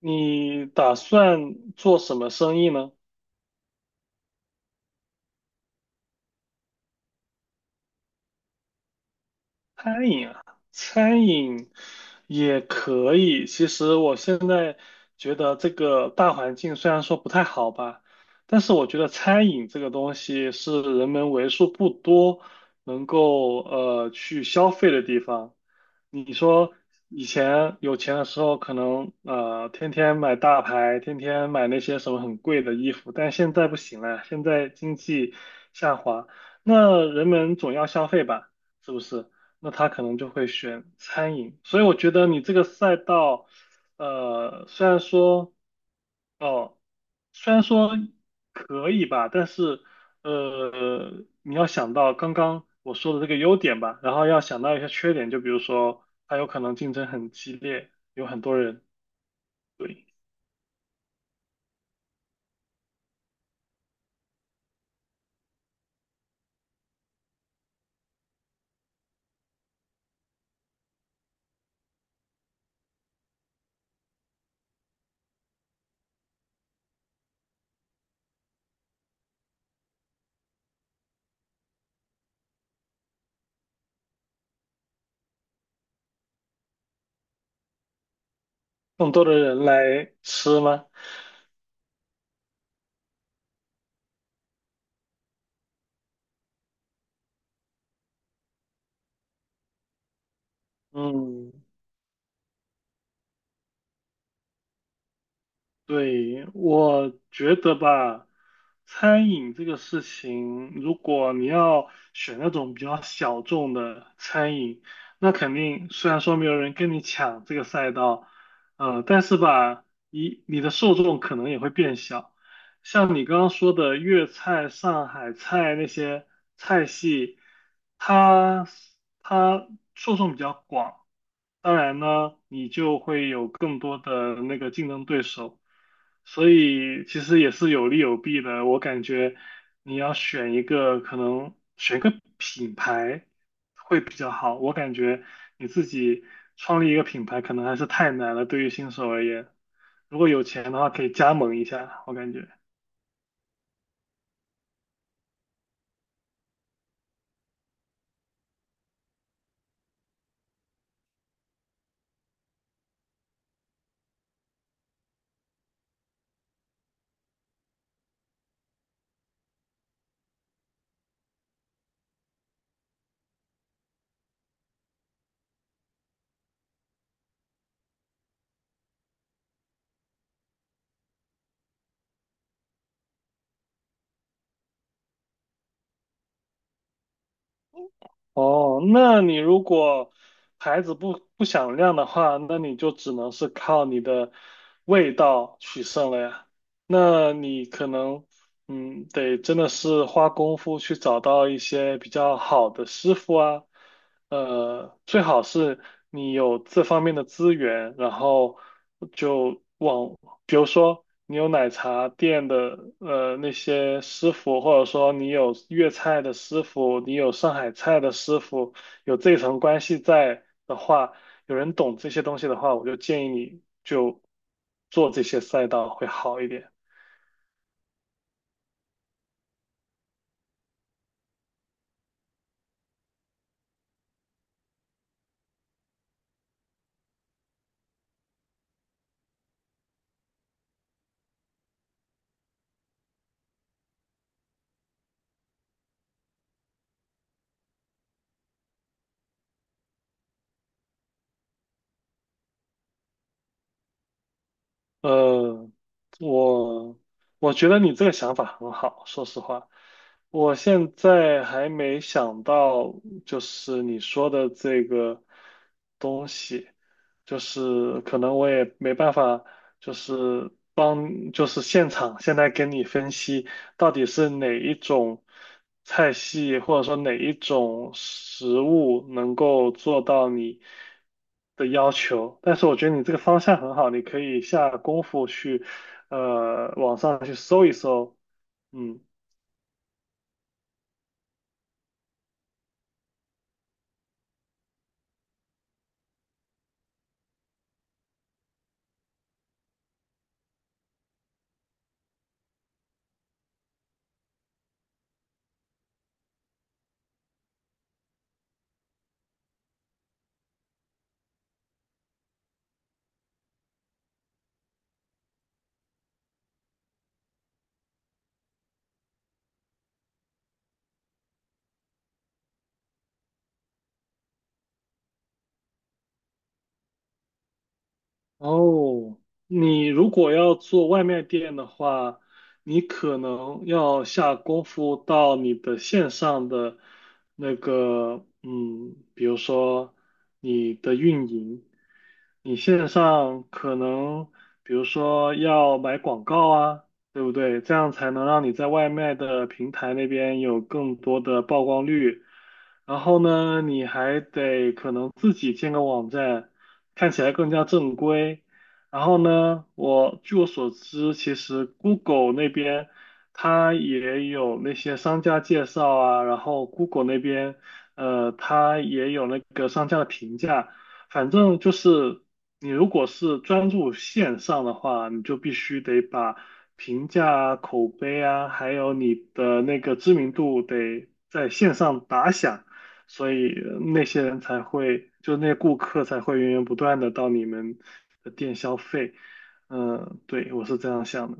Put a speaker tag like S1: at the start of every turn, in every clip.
S1: 你打算做什么生意呢？餐饮啊，餐饮也可以。其实我现在觉得这个大环境虽然说不太好吧，但是我觉得餐饮这个东西是人们为数不多能够去消费的地方。你说以前有钱的时候，可能天天买大牌，天天买那些什么很贵的衣服，但现在不行了，现在经济下滑，那人们总要消费吧，是不是？那他可能就会选餐饮。所以我觉得你这个赛道，虽然说，哦，虽然说可以吧，但是，你要想到刚刚我说的这个优点吧，然后要想到一些缺点，就比如说，它有可能竞争很激烈，有很多人，更多的人来吃吗？嗯，对，我觉得吧，餐饮这个事情，如果你要选那种比较小众的餐饮，那肯定虽然说没有人跟你抢这个赛道，但是吧，你的受众可能也会变小。像你刚刚说的粤菜、上海菜那些菜系，它它受众比较广，当然呢，你就会有更多的那个竞争对手，所以其实也是有利有弊的。我感觉你要选一个，可能选一个品牌会比较好。我感觉你自己创立一个品牌可能还是太难了，对于新手而言。如果有钱的话，可以加盟一下，我感觉。哦，那你如果牌子不响亮的话，那你就只能是靠你的味道取胜了呀。那你可能，嗯，得真的是花功夫去找到一些比较好的师傅啊，最好是你有这方面的资源，然后就。往。比如说你有奶茶店的那些师傅，或者说你有粤菜的师傅，你有上海菜的师傅，有这层关系在的话，有人懂这些东西的话，我就建议你就做这些赛道会好一点。呃，我我觉得你这个想法很好，说实话，我现在还没想到，就是你说的这个东西，就是可能我也没办法，就是帮，就是现场现在跟你分析。到底是哪一种菜系，或者说哪一种食物能够做到你的要求。但是我觉得你这个方向很好，你可以下功夫去，网上去搜一搜，嗯。哦，你如果要做外卖店的话，你可能要下功夫到你的线上的那个，嗯，比如说你的运营，你线上可能，比如说要买广告啊，对不对？这样才能让你在外卖的平台那边有更多的曝光率。然后呢，你还得可能自己建个网站。看起来更加正规。然后呢，我据我所知，其实 Google 那边它也有那些商家介绍啊，然后 Google 那边它也有那个商家的评价。反正就是你如果是专注线上的话，你就必须得把评价啊、口碑啊，还有你的那个知名度得在线上打响。所以那些人才会，就那些顾客才会源源不断的到你们的店消费。嗯、对，我是这样想的。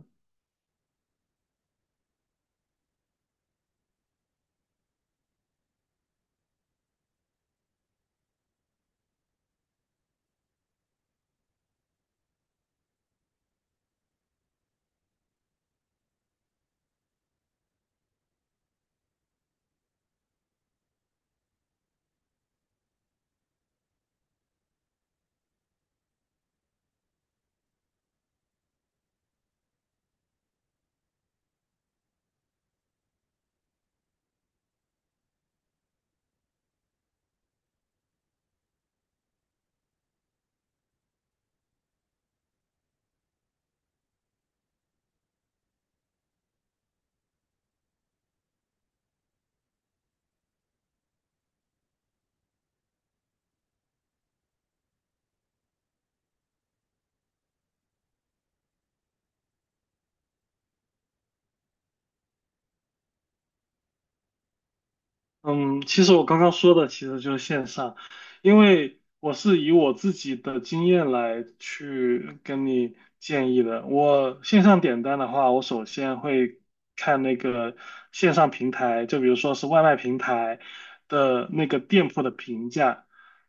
S1: 嗯，其实我刚刚说的其实就是线上，因为我是以我自己的经验来去跟你建议的。我线上点单的话，我首先会看那个线上平台，就比如说是外卖平台的那个店铺的评价。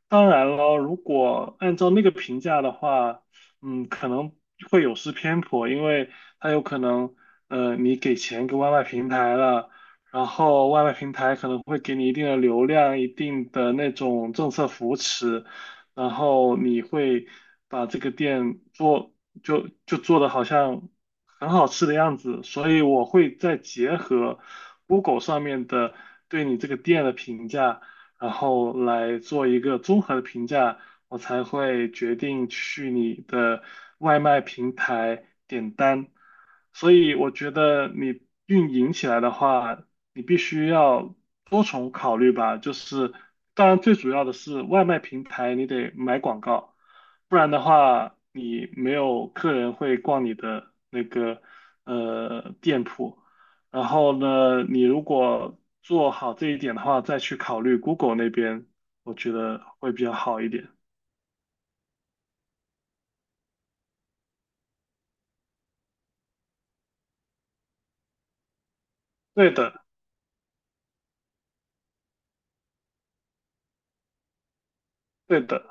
S1: 当然了，如果按照那个评价的话，嗯，可能会有失偏颇，因为它有可能，你给钱给外卖平台了。然后外卖平台可能会给你一定的流量、一定的那种政策扶持，然后你会把这个店做就做的好像很好吃的样子，所以我会再结合 Google 上面的对你这个店的评价，然后来做一个综合的评价，我才会决定去你的外卖平台点单。所以我觉得你运营起来的话，你必须要多重考虑吧。就是，当然最主要的是外卖平台你得买广告，不然的话你没有客人会逛你的那个店铺。然后呢，你如果做好这一点的话，再去考虑 Google 那边，我觉得会比较好一点。对的，对的。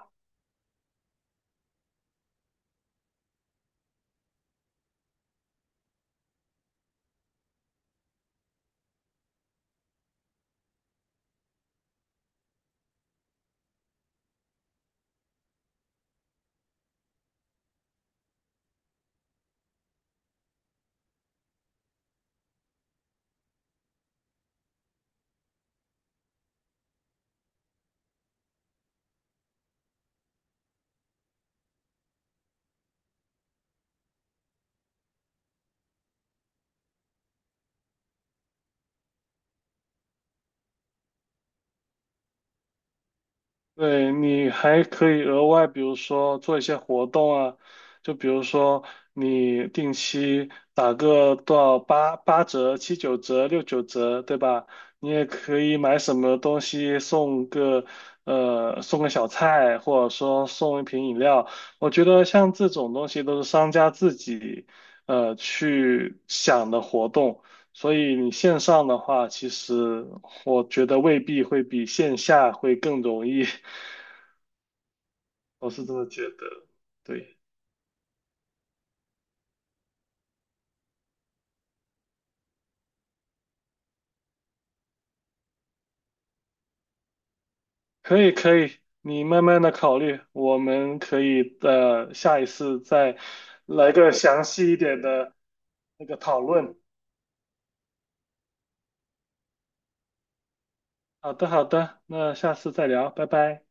S1: 对，你还可以额外，比如说做一些活动啊，就比如说你定期打个多少八八折、七九折、六九折，对吧？你也可以买什么东西送个送个小菜，或者说送一瓶饮料。我觉得像这种东西都是商家自己去想的活动，所以你线上的话，其实我觉得未必会比线下会更容易。我是这么觉得。对，可以可以，你慢慢的考虑，我们可以的下一次再来个详细一点的那个讨论。好的好的，那下次再聊，拜拜。